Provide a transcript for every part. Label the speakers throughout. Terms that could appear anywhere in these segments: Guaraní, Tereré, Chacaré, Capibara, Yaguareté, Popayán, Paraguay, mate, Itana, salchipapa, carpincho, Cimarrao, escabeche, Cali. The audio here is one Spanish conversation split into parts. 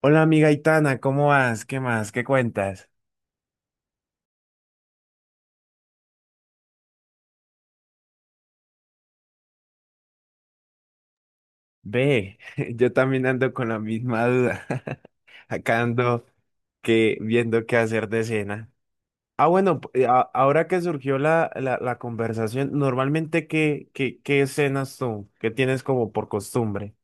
Speaker 1: Hola amiga Itana, ¿cómo vas? ¿Qué más? ¿Qué cuentas? Ve, yo también ando con la misma duda. Acá ando que viendo qué hacer de cena. Ah, bueno, ahora que surgió la conversación, normalmente ¿qué cenas tú? ¿Qué tienes como por costumbre?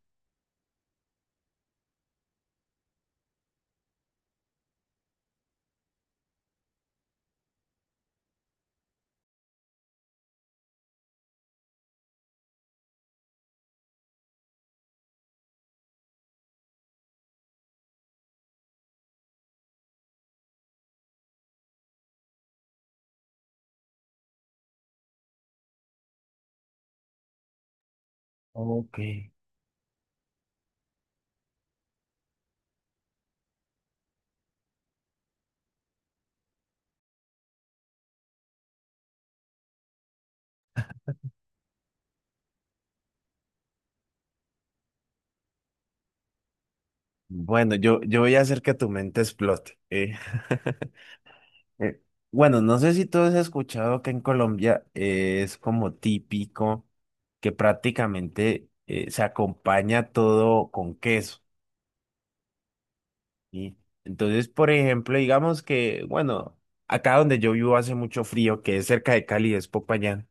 Speaker 1: Ok. Bueno, yo voy a hacer que tu mente explote. Eh, bueno, no sé si tú has escuchado que en Colombia es como típico que prácticamente se acompaña todo con queso, ¿sí? Entonces, por ejemplo, digamos que, bueno, acá donde yo vivo hace mucho frío, que es cerca de Cali, es Popayán.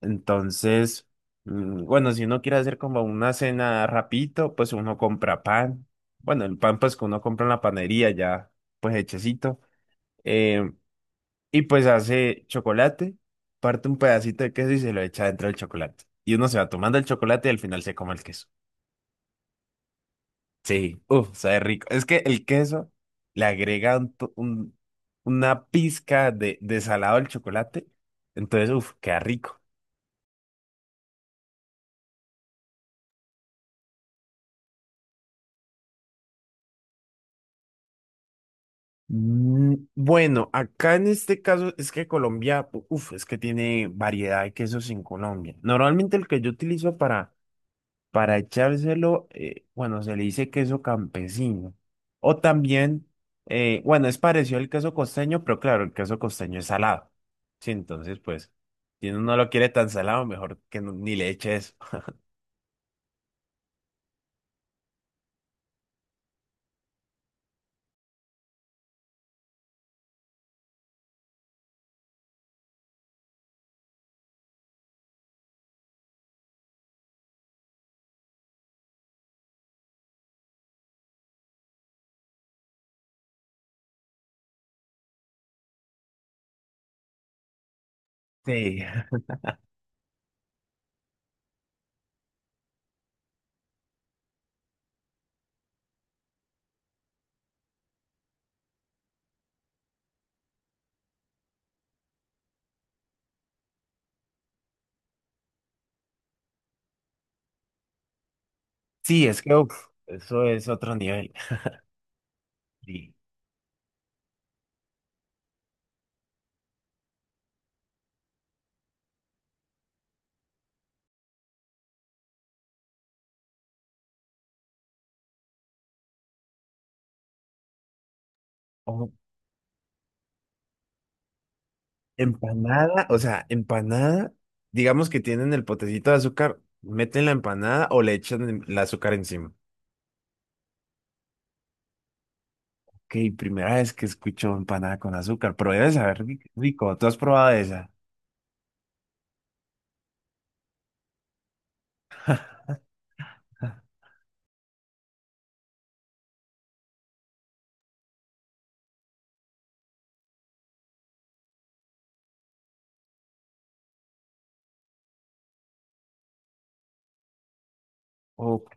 Speaker 1: Entonces, bueno, si uno quiere hacer como una cena rapidito, pues uno compra pan. Bueno, el pan pues que uno compra en la panería ya, pues hechecito. Eh, Y pues hace chocolate, parte un pedacito de queso y se lo echa dentro del chocolate. Y uno se va tomando el chocolate y al final se come el queso. Sí, uff, sabe rico. Es que el queso le agrega una pizca de salado al chocolate. Entonces, uff, queda rico. Mm, bueno, acá en este caso es que Colombia, uff, es que tiene variedad de quesos en Colombia. Normalmente el que yo utilizo para echárselo, bueno, se le dice queso campesino. O también, bueno, es parecido al queso costeño, pero claro, el queso costeño es salado. Sí, entonces, pues, si uno no lo quiere tan salado, mejor que ni le eche eso. Sí, sí, es que uf, eso es otro nivel. Sí. O empanada, o sea, empanada, digamos que tienen el potecito de azúcar, meten la empanada o le echan el azúcar encima. Ok, primera vez que escucho empanada con azúcar, pero debe saber rico. ¿Tú has probado esa? Ok.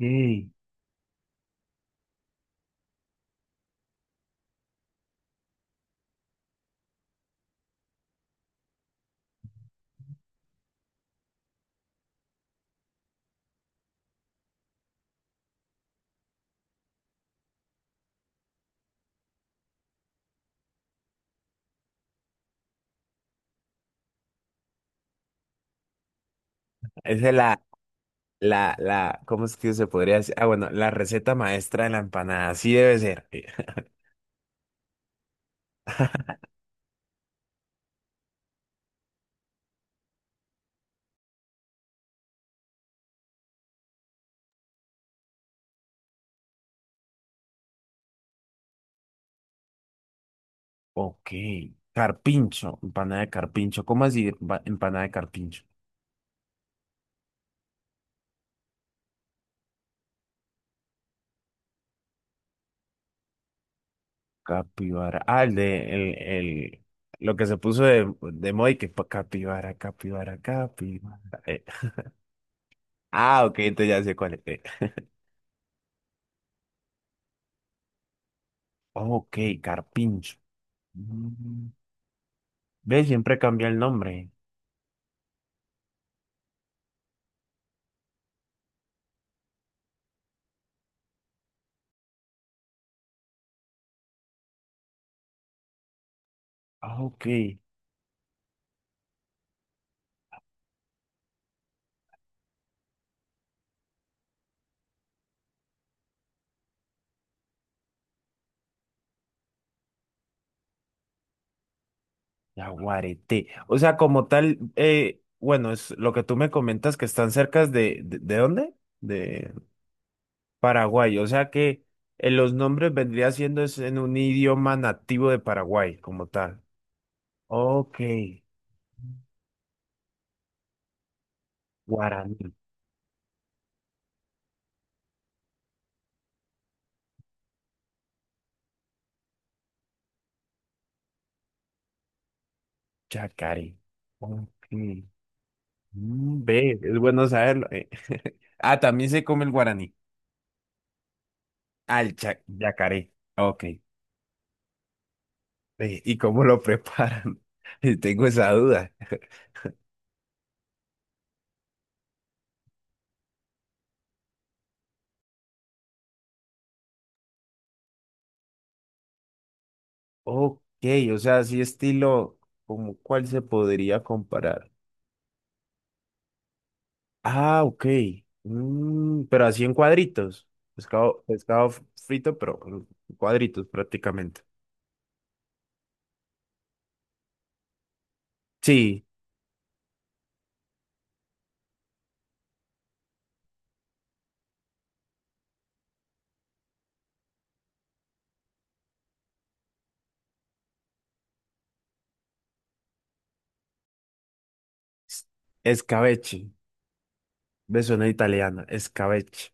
Speaker 1: Esa es la, ¿cómo es que se podría decir? Ah, bueno, la receta maestra de la empanada, así debe ser. Ok. Carpincho, empanada de carpincho. ¿Cómo así empanada de carpincho? Capibara. Ah, el de, lo que se puso de moda y que capibara, capibara, capibara. Ah, ok, entonces ya sé cuál es. Ok, carpincho. Mm. ¿Ves? Siempre cambia el nombre. Ah, ok. Yaguareté. O sea, como tal, bueno, es lo que tú me comentas que están cerca ¿de dónde? De Paraguay. O sea que los nombres vendría siendo es en un idioma nativo de Paraguay, como tal. Ok. Guaraní, chacaré. Ok. Mm, ve, es bueno saberlo. Ah, también se come el guaraní. Al yacaré. Ok. Ve, ¿y cómo lo preparan? Tengo esa duda. Ok, o sea, así estilo, ¿como cuál se podría comparar? Ah, ok. Mm, pero así en cuadritos. Pescado, frito, pero en cuadritos prácticamente. Sí, s- escabeche. Me suena italiana, escabeche.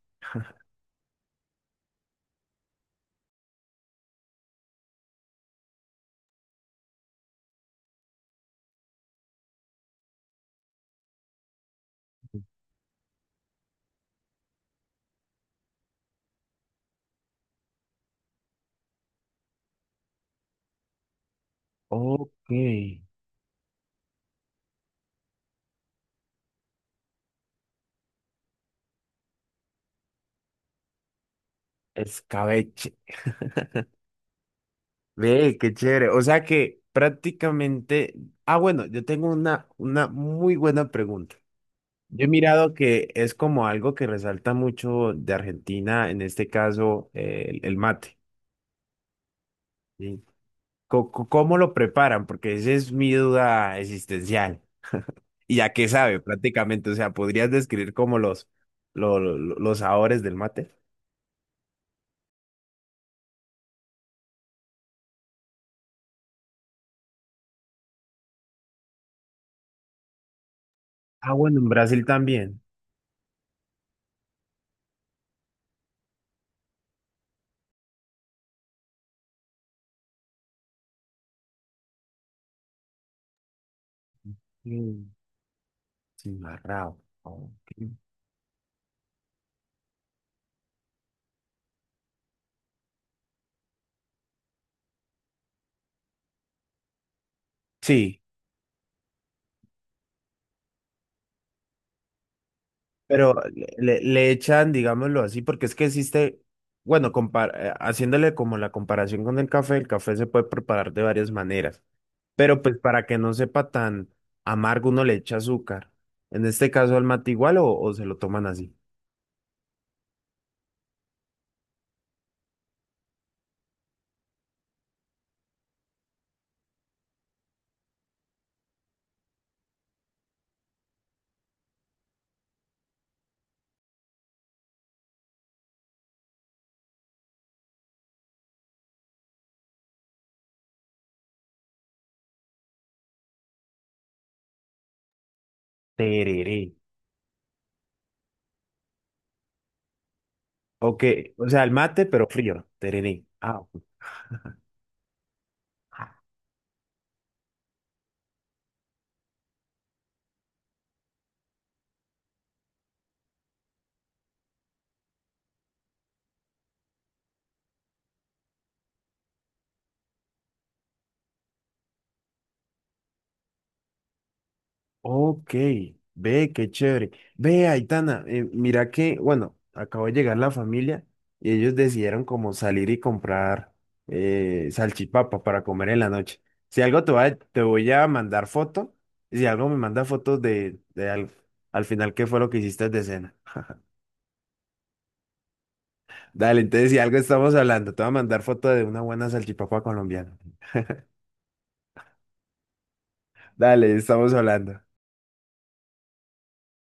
Speaker 1: Ok, escabeche. Ve, qué chévere. O sea que prácticamente. Ah, bueno, yo tengo una muy buena pregunta. Yo he mirado que es como algo que resalta mucho de Argentina, en este caso, el mate. ¿Sí? ¿Cómo lo preparan? Porque esa es mi duda existencial. Y ya que sabe, prácticamente, o sea, ¿podrías describir como los, los sabores del mate? Ah, bueno, en Brasil también. Mm, cimarrao. Ok. Sí, pero le echan, digámoslo así, porque es que existe, bueno, haciéndole como la comparación con el café se puede preparar de varias maneras, pero pues para que no sepa tan amargo uno le echa azúcar. En este caso al mate igual o se lo toman así. Tereré. O que, o sea, el mate pero frío. Tereré. Ah, ok, ve, qué chévere. Ve, Aitana, mira que, bueno, acabo de llegar la familia y ellos decidieron como salir y comprar salchipapa para comer en la noche. Si algo te voy a mandar foto, y si algo me manda fotos de, al final qué fue lo que hiciste de cena. Dale, entonces si algo estamos hablando, te voy a mandar foto de una buena salchipapa colombiana. Dale, estamos hablando.